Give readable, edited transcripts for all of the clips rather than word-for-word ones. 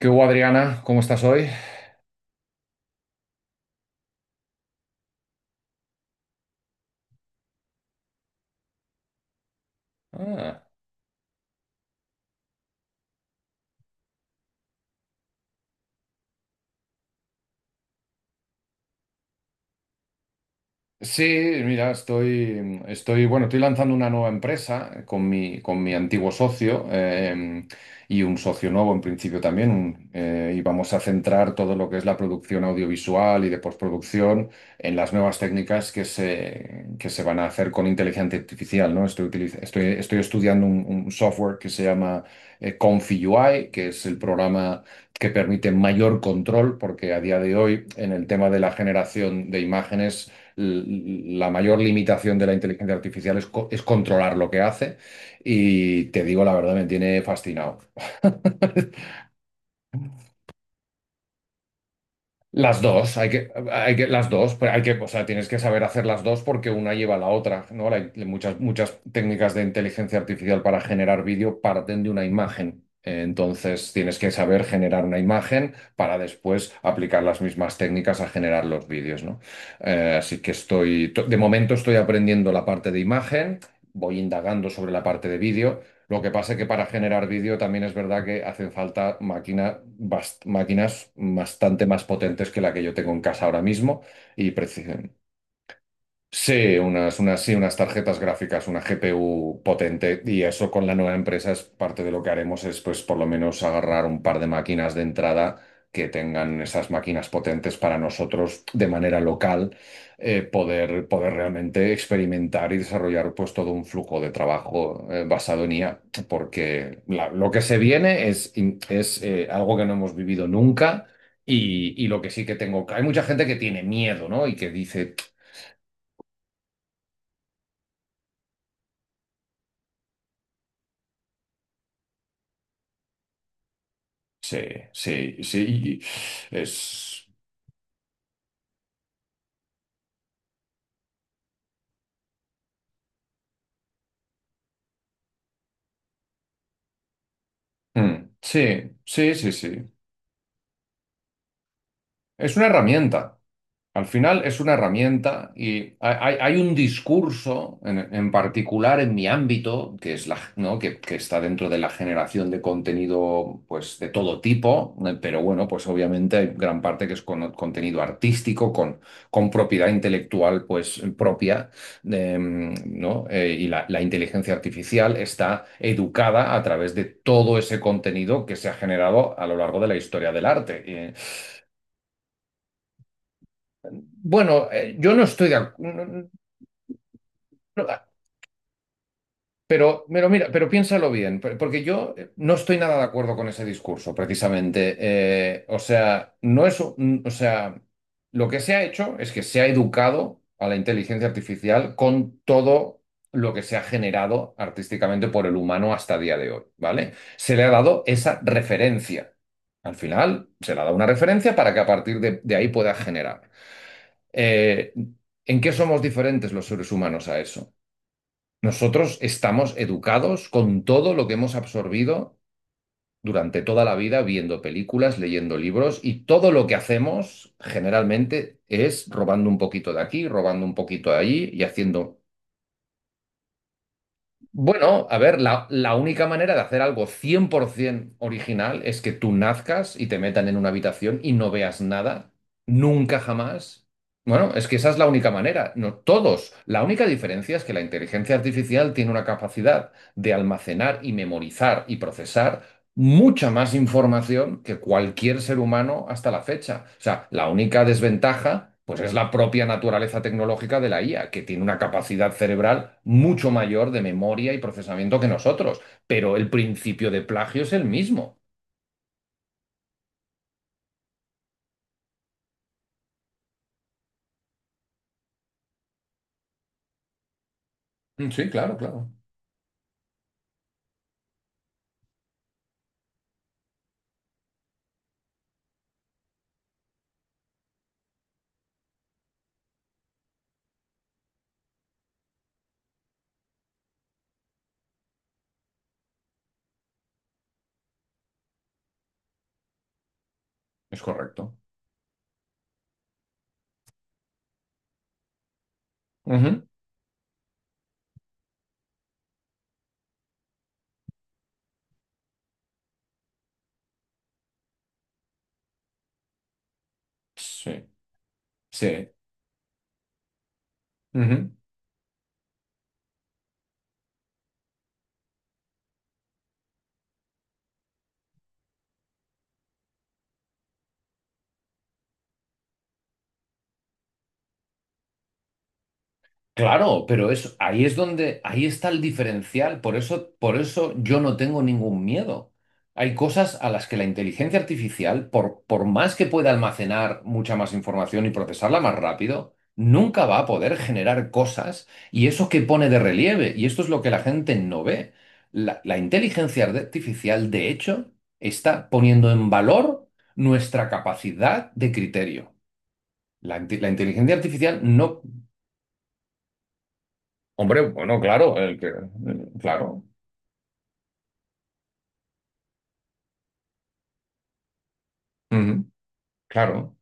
¿Qué hubo, Adriana? ¿Cómo estás hoy? Ah. Sí, mira, bueno, estoy lanzando una nueva empresa con mi antiguo socio, y un socio nuevo en principio también, y vamos a centrar todo lo que es la producción audiovisual y de postproducción en las nuevas técnicas que se van a hacer con inteligencia artificial, ¿no? Estoy estudiando un software que se llama, Confi UI, que es el programa que permite mayor control, porque a día de hoy en el tema de la generación de imágenes la mayor limitación de la inteligencia artificial es controlar lo que hace, y te digo la verdad, me tiene fascinado. Las dos, las dos, pero hay que, o sea, tienes que saber hacer las dos porque una lleva a la otra, ¿no? Hay muchas técnicas de inteligencia artificial para generar vídeo parten de una imagen. Entonces tienes que saber generar una imagen para después aplicar las mismas técnicas a generar los vídeos, ¿no? Así que de momento estoy aprendiendo la parte de imagen, voy indagando sobre la parte de vídeo. Lo que pasa es que para generar vídeo también es verdad que hacen falta máquinas bastante más potentes que la que yo tengo en casa ahora mismo, y sí, unas tarjetas gráficas, una GPU potente, y eso con la nueva empresa es parte de lo que haremos, es pues por lo menos agarrar un par de máquinas de entrada que tengan esas máquinas potentes para nosotros de manera local, poder realmente experimentar y desarrollar pues todo un flujo de trabajo, basado en IA, porque lo que se viene es, algo que no hemos vivido nunca. Y lo que sí que tengo, hay mucha gente que tiene miedo, ¿no? Y que dice, sí, sí, y es. Mm, sí, sí. Es una herramienta. Al final es una herramienta, y hay un discurso en particular en mi ámbito, que es la, ¿no? Que está dentro de la generación de contenido, pues, de todo tipo, pero bueno, pues obviamente hay gran parte que es contenido artístico, con propiedad intelectual, pues, propia, ¿no? Y la inteligencia artificial está educada a través de todo ese contenido que se ha generado a lo largo de la historia del arte. Bueno, yo no estoy de acuerdo. No, ah, pero mira, pero piénsalo bien, porque yo, no estoy nada de acuerdo con ese discurso, precisamente. O sea, no es, un- o sea, lo que se ha hecho es que se ha educado a la inteligencia artificial con todo lo que se ha generado artísticamente por el humano hasta día de hoy, ¿vale? Se le ha dado esa referencia. Al final, se le ha dado una referencia para que a partir de ahí pueda generar. Eh, ¿En qué somos diferentes los seres humanos a eso? Nosotros estamos educados con todo lo que hemos absorbido durante toda la vida, viendo películas, leyendo libros, y todo lo que hacemos generalmente es robando un poquito de aquí, robando un poquito de allí y haciendo, bueno, a ver, la única manera de hacer algo 100% original es que tú nazcas y te metan en una habitación y no veas nada, nunca jamás. Bueno, es que esa es la única manera. No todos. La única diferencia es que la inteligencia artificial tiene una capacidad de almacenar y memorizar y procesar mucha más información que cualquier ser humano hasta la fecha. O sea, la única desventaja, pues es la propia naturaleza tecnológica de la IA, que tiene una capacidad cerebral mucho mayor de memoria y procesamiento que nosotros. Pero el principio de plagio es el mismo. Mm, sí, claro, claro. Es correcto. Ujú. Sí, sí. Ujú. Claro, pero es, ahí es donde, ahí está el diferencial. Por eso yo no tengo ningún miedo. Hay cosas a las que la inteligencia artificial, por más que pueda almacenar mucha más información y procesarla más rápido, nunca va a poder generar cosas, y eso que pone de relieve. Y esto es lo que la gente no ve. La inteligencia artificial, de hecho, está poniendo en valor nuestra capacidad de criterio. La inteligencia artificial no. Hombre, bueno, claro, claro, ujú, claro,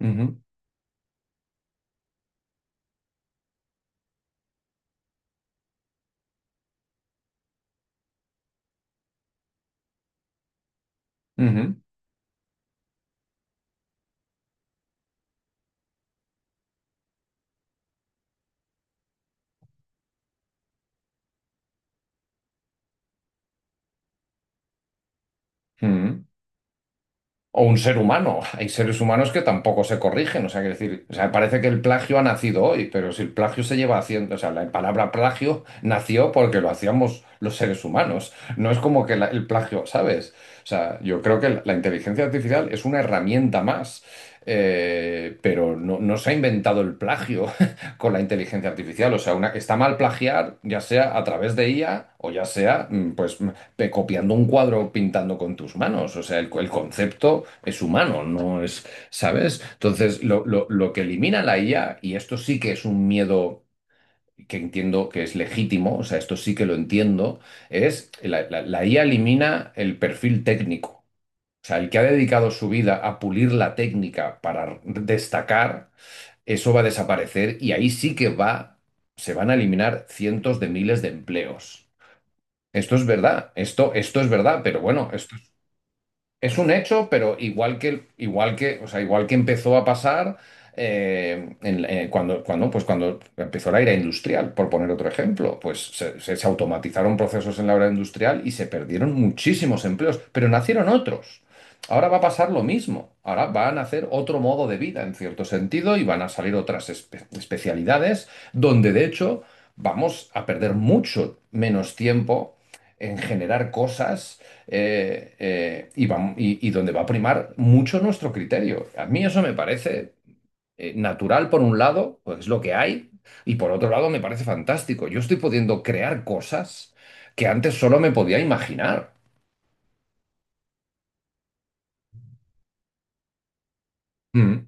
ujú, ujú, ujú. O un ser humano. Hay seres humanos que tampoco se corrigen. O sea, quiero decir, o sea, parece que el plagio ha nacido hoy, pero si el plagio se lleva haciendo, o sea, la palabra plagio nació porque lo hacíamos los seres humanos. No es como que el plagio, ¿sabes? O sea, yo creo que la inteligencia artificial es una herramienta más, pero no, no se ha inventado el plagio con la inteligencia artificial. O sea, está mal plagiar, ya sea a través de IA o ya sea, mm, pues copiando un cuadro, pintando con tus manos. O sea, el concepto es humano, no es, ¿sabes? Entonces, lo que elimina la IA, y esto sí que es un miedo que entiendo que es legítimo, o sea, esto sí que lo entiendo, es la IA elimina el perfil técnico. O sea, el que ha dedicado su vida a pulir la técnica para destacar, eso va a desaparecer, y ahí sí que se van a eliminar cientos de miles de empleos. Esto es verdad, esto es verdad, pero bueno, esto es un hecho, pero igual que, o sea, igual que empezó a pasar, cuando, pues cuando empezó la era industrial, por poner otro ejemplo, pues se, se automatizaron procesos en la era industrial y se perdieron muchísimos empleos, pero nacieron otros. Ahora va a pasar lo mismo. Ahora van a hacer otro modo de vida, en cierto sentido, y van a salir especialidades donde, de hecho, vamos a perder mucho menos tiempo en generar cosas, y donde va a primar mucho nuestro criterio. A mí eso me parece, natural por un lado, pues es lo que hay, y por otro lado me parece fantástico. Yo estoy pudiendo crear cosas que antes solo me podía imaginar. Mm,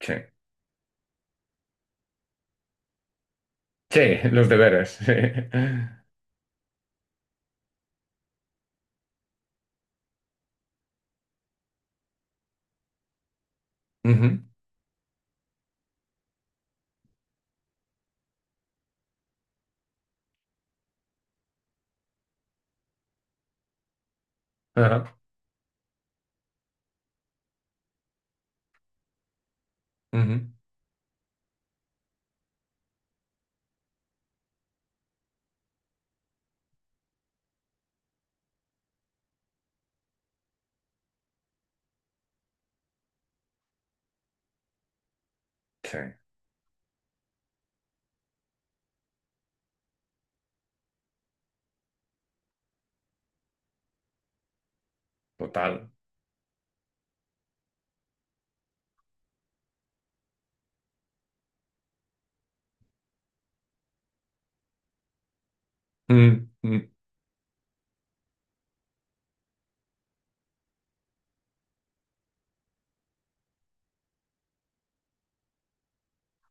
sí. Sí, los deberes. Sí. Ujú, ajá, ujú. Sí, total. Mm, mm,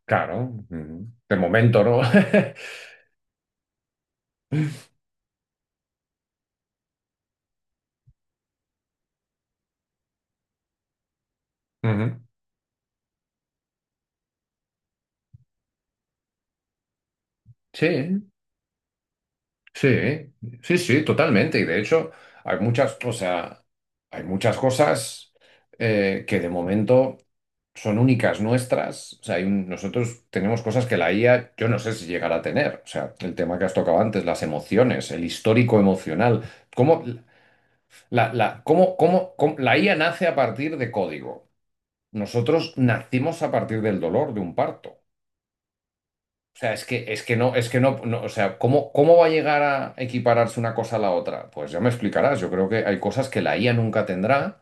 claro, ujú. De momento, ¿no? Ujú. Sí. Sí, sí, totalmente. Y de hecho, hay muchas, o sea, hay muchas cosas, que de momento son únicas nuestras. O sea, nosotros tenemos cosas que la IA, yo no sé si llegará a tener. O sea, el tema que has tocado antes, las emociones, el histórico emocional. ¿Cómo cómo, la IA nace a partir de código? Nosotros nacimos a partir del dolor de un parto. O sea, es que no, no, o sea, ¿cómo, cómo va a llegar a equipararse una cosa a la otra? Pues ya me explicarás, yo creo que hay cosas que la IA nunca tendrá,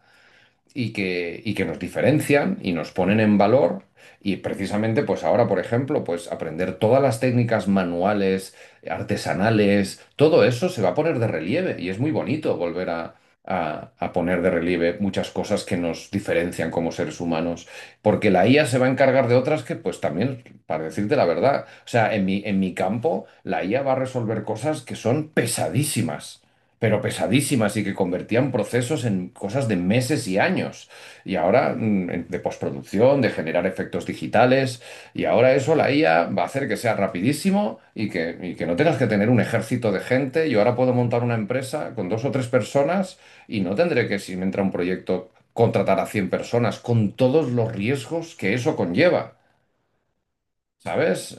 y que nos diferencian y nos ponen en valor. Y precisamente, pues ahora, por ejemplo, pues aprender todas las técnicas manuales, artesanales, todo eso se va a poner de relieve, y es muy bonito volver a, a poner de relieve muchas cosas que nos diferencian como seres humanos, porque la IA se va a encargar de otras que, pues también, para decirte la verdad, o sea, en mi campo, la IA va a resolver cosas que son pesadísimas, pero pesadísimas, y que convertían procesos en cosas de meses y años. Y ahora, mm, de postproducción, de generar efectos digitales, y ahora eso la IA va a hacer que sea rapidísimo, y que no tengas que tener un ejército de gente. Yo ahora puedo montar una empresa con dos o tres personas y no tendré que, si me entra un proyecto, contratar a 100 personas con todos los riesgos que eso conlleva. ¿Sabes?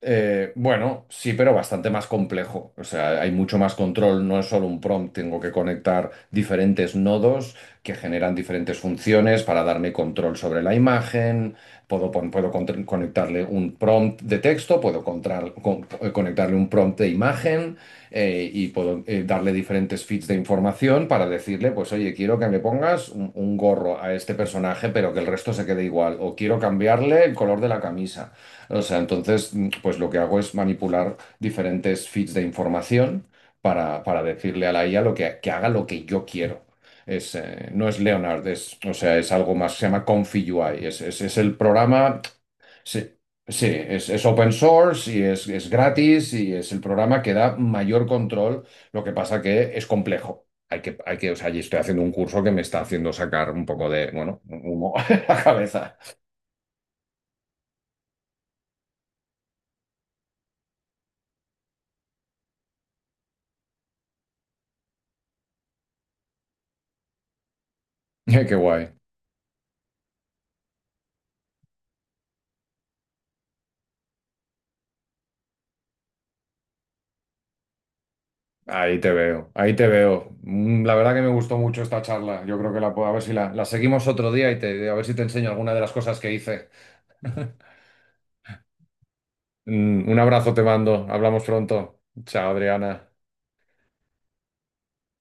Bueno, sí, pero bastante más complejo. O sea, hay mucho más control, no es solo un prompt, tengo que conectar diferentes nodos que generan diferentes funciones para darme control sobre la imagen, puedo conectarle un prompt de texto, puedo conectarle un prompt de imagen, y puedo, darle diferentes feeds de información para decirle, pues oye, quiero que me pongas un gorro a este personaje, pero que el resto se quede igual, o quiero cambiarle el color de la camisa. O sea, entonces, mm, pues lo que hago es manipular diferentes feeds de información para decirle a la IA lo que haga lo que yo quiero. No es Leonard, es, o sea, es algo más, se llama Confi UI. Es el programa, sí, sí, es open source y es gratis y es el programa que da mayor control. Lo que pasa que es complejo. O sea, y estoy haciendo un curso que me está haciendo sacar un poco de, bueno, humo a la cabeza. Qué guay. Ahí te veo, ahí te veo. Mm, la verdad que me gustó mucho esta charla. Yo creo que la puedo, a ver si la seguimos otro día y te, a ver si te enseño alguna de las cosas que hice. Mm, un abrazo te mando. Hablamos pronto. Chao, Adriana.